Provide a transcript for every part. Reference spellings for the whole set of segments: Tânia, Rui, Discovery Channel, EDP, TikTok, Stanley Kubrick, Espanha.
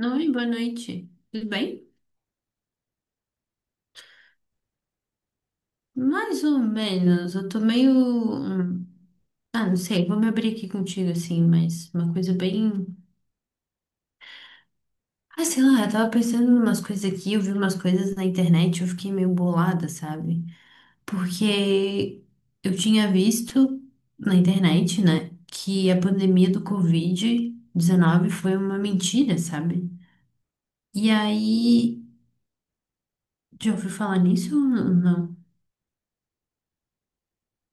Oi, boa noite. Tudo bem? Mais ou menos. Eu tô meio. Ah, não sei, vou me abrir aqui contigo, assim, mas uma coisa bem. Ah, sei lá, eu tava pensando em umas coisas aqui, eu vi umas coisas na internet, eu fiquei meio bolada, sabe? Porque eu tinha visto na internet, né, que a pandemia do Covid-19 foi uma mentira, sabe? E aí. Já ouviu falar nisso ou não?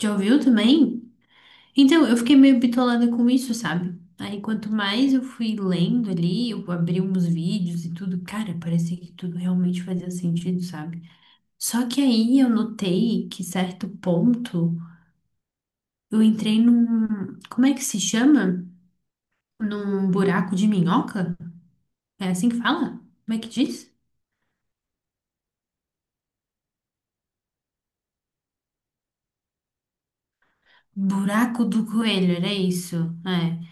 Já ouviu também? Então, eu fiquei meio bitolada com isso, sabe? Aí, quanto mais eu fui lendo ali, eu abri uns vídeos e tudo, cara, parecia que tudo realmente fazia sentido, sabe? Só que aí eu notei que, certo ponto, eu entrei num. Como é que se chama? Num buraco de minhoca? É assim que fala? Como é que diz? Buraco do coelho, era isso. É.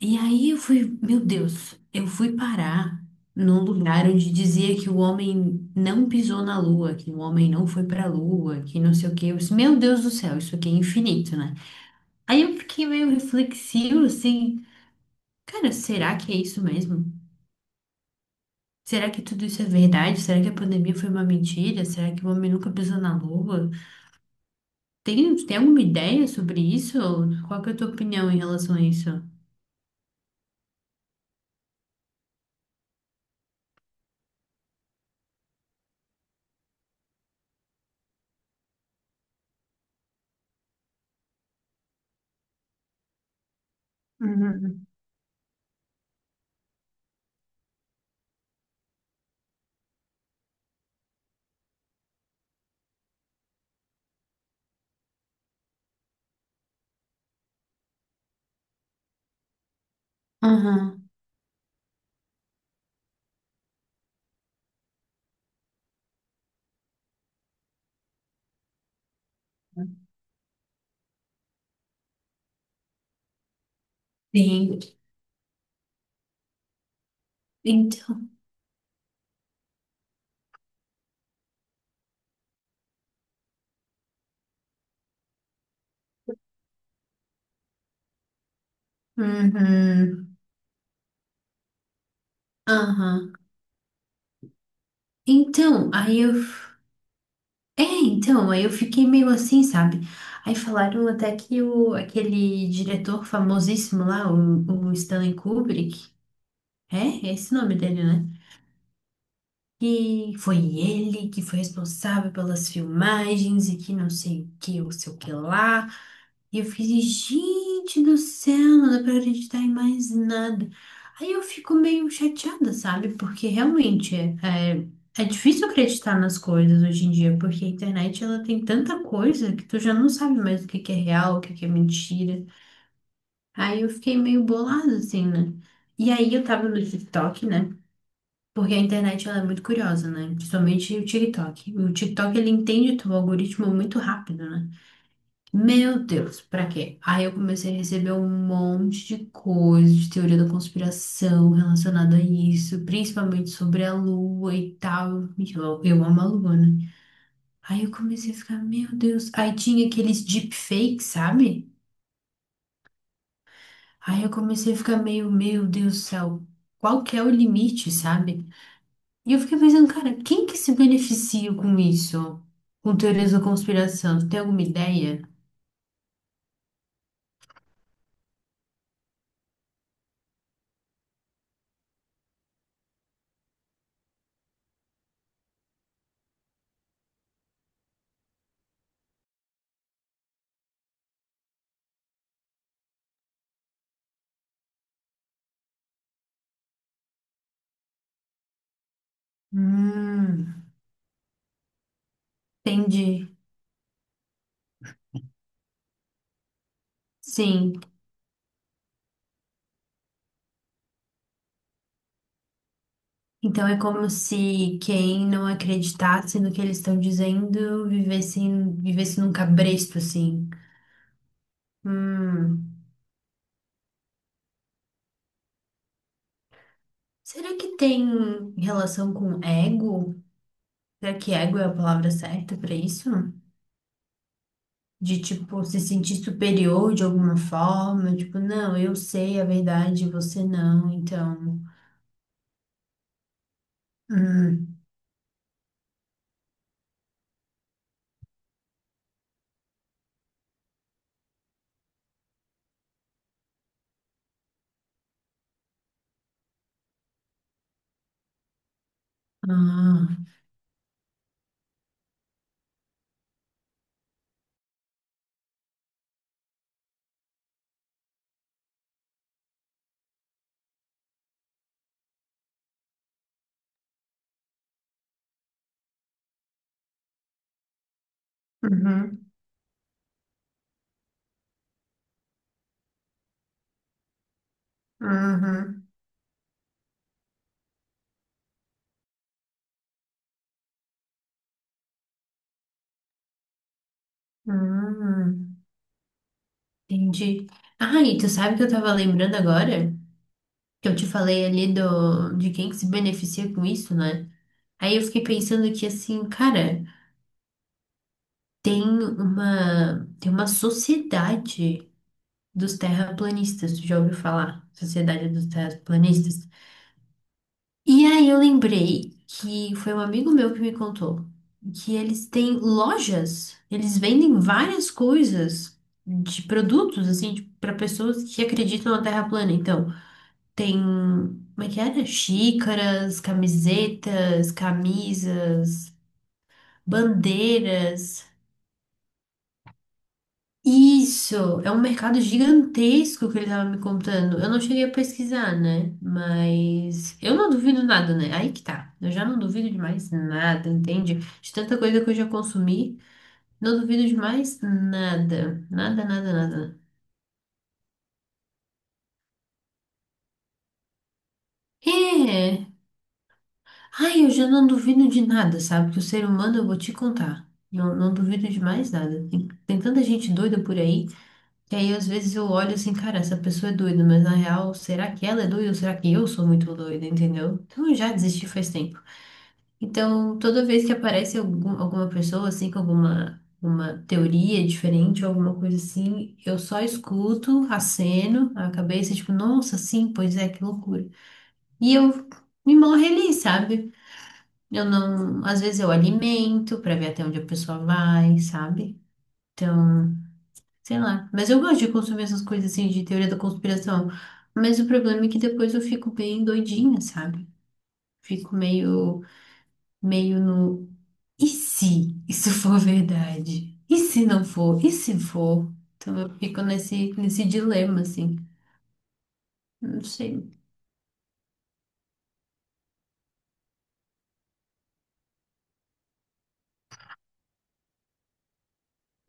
E aí eu fui, meu Deus, eu fui parar num lugar onde dizia que o homem não pisou na lua, que o homem não foi pra lua, que não sei o quê. Eu disse, meu Deus do céu, isso aqui é infinito, né? Aí eu fiquei meio reflexivo, assim, cara, será que é isso mesmo? Será que tudo isso é verdade? Será que a pandemia foi uma mentira? Será que o homem nunca pisou na lua? Tem alguma ideia sobre isso? Qual que é a tua opinião em relação a isso? Uhum. Aham. Sim. Então. Uhum. Aham. Então, aí eu. É, então, aí eu fiquei meio assim, sabe? Aí falaram até que o, aquele diretor famosíssimo lá, o Stanley Kubrick, é? É esse o nome dele, né? Que foi ele que foi responsável pelas filmagens e que não sei o que, ou sei o que lá. E eu fiz, gente do céu, não dá pra acreditar em mais nada. Aí eu fico meio chateada, sabe? Porque realmente é, é, é difícil acreditar nas coisas hoje em dia, porque a internet ela tem tanta coisa que tu já não sabe mais o que que é real, o que que é mentira. Aí eu fiquei meio bolada, assim, né? E aí eu tava no TikTok, né? Porque a internet ela é muito curiosa, né? Principalmente o TikTok. O TikTok ele entende teu algoritmo muito rápido, né? Meu Deus, pra quê? Aí eu comecei a receber um monte de coisa de teoria da conspiração relacionada a isso, principalmente sobre a lua e tal. E eu amo a lua, né? Aí eu comecei a ficar, meu Deus. Aí tinha aqueles deepfakes, sabe? Aí eu comecei a ficar meio, meu Deus do céu, qual que é o limite, sabe? E eu fiquei pensando, cara, quem que se beneficia com isso? Com teorias da conspiração? Você tem alguma ideia? Hum, entendi. Sim. Então é como se quem não acreditasse no que eles estão dizendo vivesse, vivesse num cabresto, assim. Hum. Será que tem relação com ego? Será que ego é a palavra certa para isso? De, tipo, se sentir superior de alguma forma? Tipo, não, eu sei a verdade, você não, então. Hum, ah, uhum, uhum, uhum, entendi. Ah, e tu sabe que eu tava lembrando agora? Que eu te falei ali do, de quem que se beneficia com isso, né? Aí eu fiquei pensando que, assim, cara, tem uma sociedade dos terraplanistas, tu já ouviu falar? Sociedade dos terraplanistas. E aí eu lembrei que foi um amigo meu que me contou que eles têm lojas, eles vendem várias coisas de produtos assim para pessoas que acreditam na Terra plana. Então, tem, como é que era? Xícaras, camisetas, camisas, bandeiras. Isso, é um mercado gigantesco que ele tava me contando. Eu não cheguei a pesquisar, né? Mas eu não duvido nada, né? Aí que tá. Eu já não duvido de mais nada, entende? De tanta coisa que eu já consumi, não duvido de mais nada. Nada, nada, nada. É. Ai, eu já não duvido de nada, sabe? Que o ser humano eu vou te contar. Não, não duvido de mais nada. Tem tanta gente doida por aí. E aí, às vezes eu olho assim, cara, essa pessoa é doida, mas na real, será que ela é doida ou será que eu sou muito doida, entendeu? Então, eu já desisti faz tempo. Então, toda vez que aparece alguma pessoa, assim, com alguma uma teoria diferente ou alguma coisa assim, eu só escuto, aceno a cabeça, tipo, nossa, sim, pois é, que loucura. E eu me morro ali, sabe? Eu não, às vezes eu alimento pra ver até onde a pessoa vai, sabe? Então. Sei lá. Mas eu gosto de consumir essas coisas assim de teoria da conspiração. Mas o problema é que depois eu fico bem doidinha, sabe? Fico meio, meio no. E se isso for verdade? E se não for? E se for? Então eu fico nesse dilema, assim. Não sei.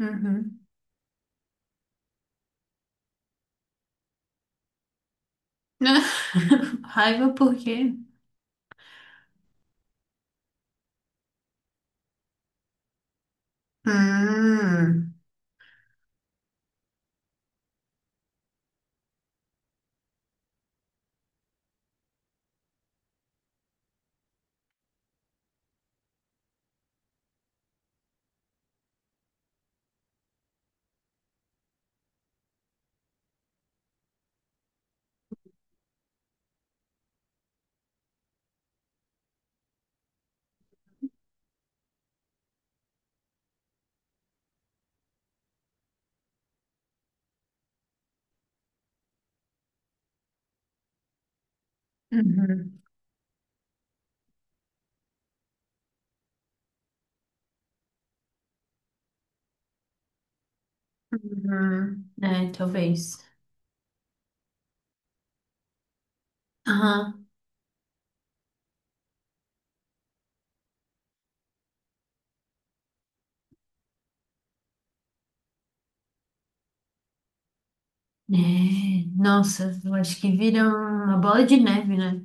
Uhum. Raiva por quê? Hum. Uhum. Uhum. É, talvez. Aham. É, nossa, eu acho que vira uma bola de neve, né?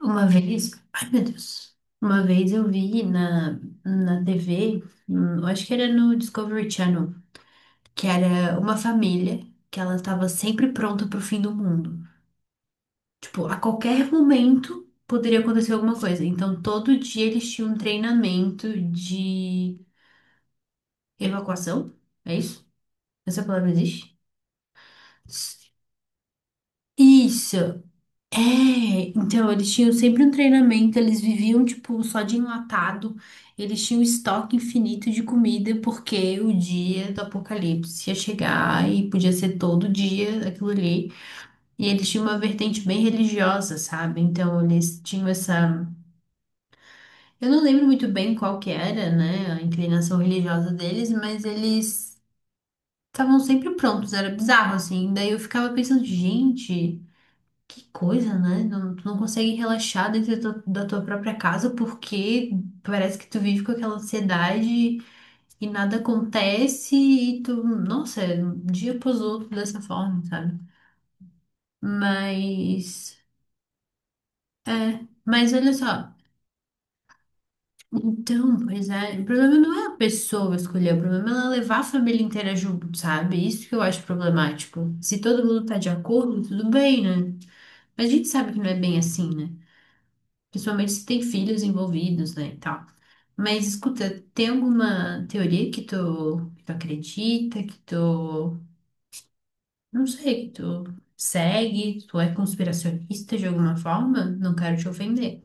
Uma vez, ai meu Deus, uma vez eu vi na, na TV, eu acho que era no Discovery Channel, que era uma família que ela estava sempre pronta pro fim do mundo. Tipo, a qualquer momento poderia acontecer alguma coisa. Então, todo dia eles tinham um treinamento de evacuação, é isso? Essa palavra existe? Isso! É, então eles tinham sempre um treinamento, eles viviam tipo só de enlatado, eles tinham estoque infinito de comida porque o dia do apocalipse ia chegar e podia ser todo dia aquilo ali. E eles tinham uma vertente bem religiosa, sabe? Então eles tinham essa, eu não lembro muito bem qual que era, né, a inclinação religiosa deles, mas eles estavam sempre prontos, era bizarro assim. Daí eu ficava pensando, gente, que coisa, né? Não, tu não consegue relaxar dentro da tua própria casa porque parece que tu vive com aquela ansiedade e nada acontece e tu, nossa, é um dia após outro dessa forma, sabe? Mas, é, mas olha só. Então, pois é, o problema não é a pessoa escolher, o problema é ela levar a família inteira junto, sabe? Isso que eu acho problemático. Se todo mundo tá de acordo, tudo bem, né? Mas a gente sabe que não é bem assim, né? Principalmente se tem filhos envolvidos, né, e tal. Mas escuta, tem alguma teoria que tu acredita, que tu, não sei, que tu segue, tu é conspiracionista de alguma forma? Não quero te ofender.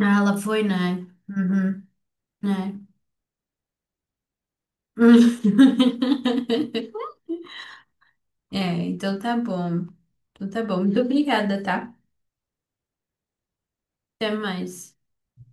Ah, ela foi, né? Uhum. Né? É, então tá bom. Então tá bom. Muito obrigada, tá? Até mais.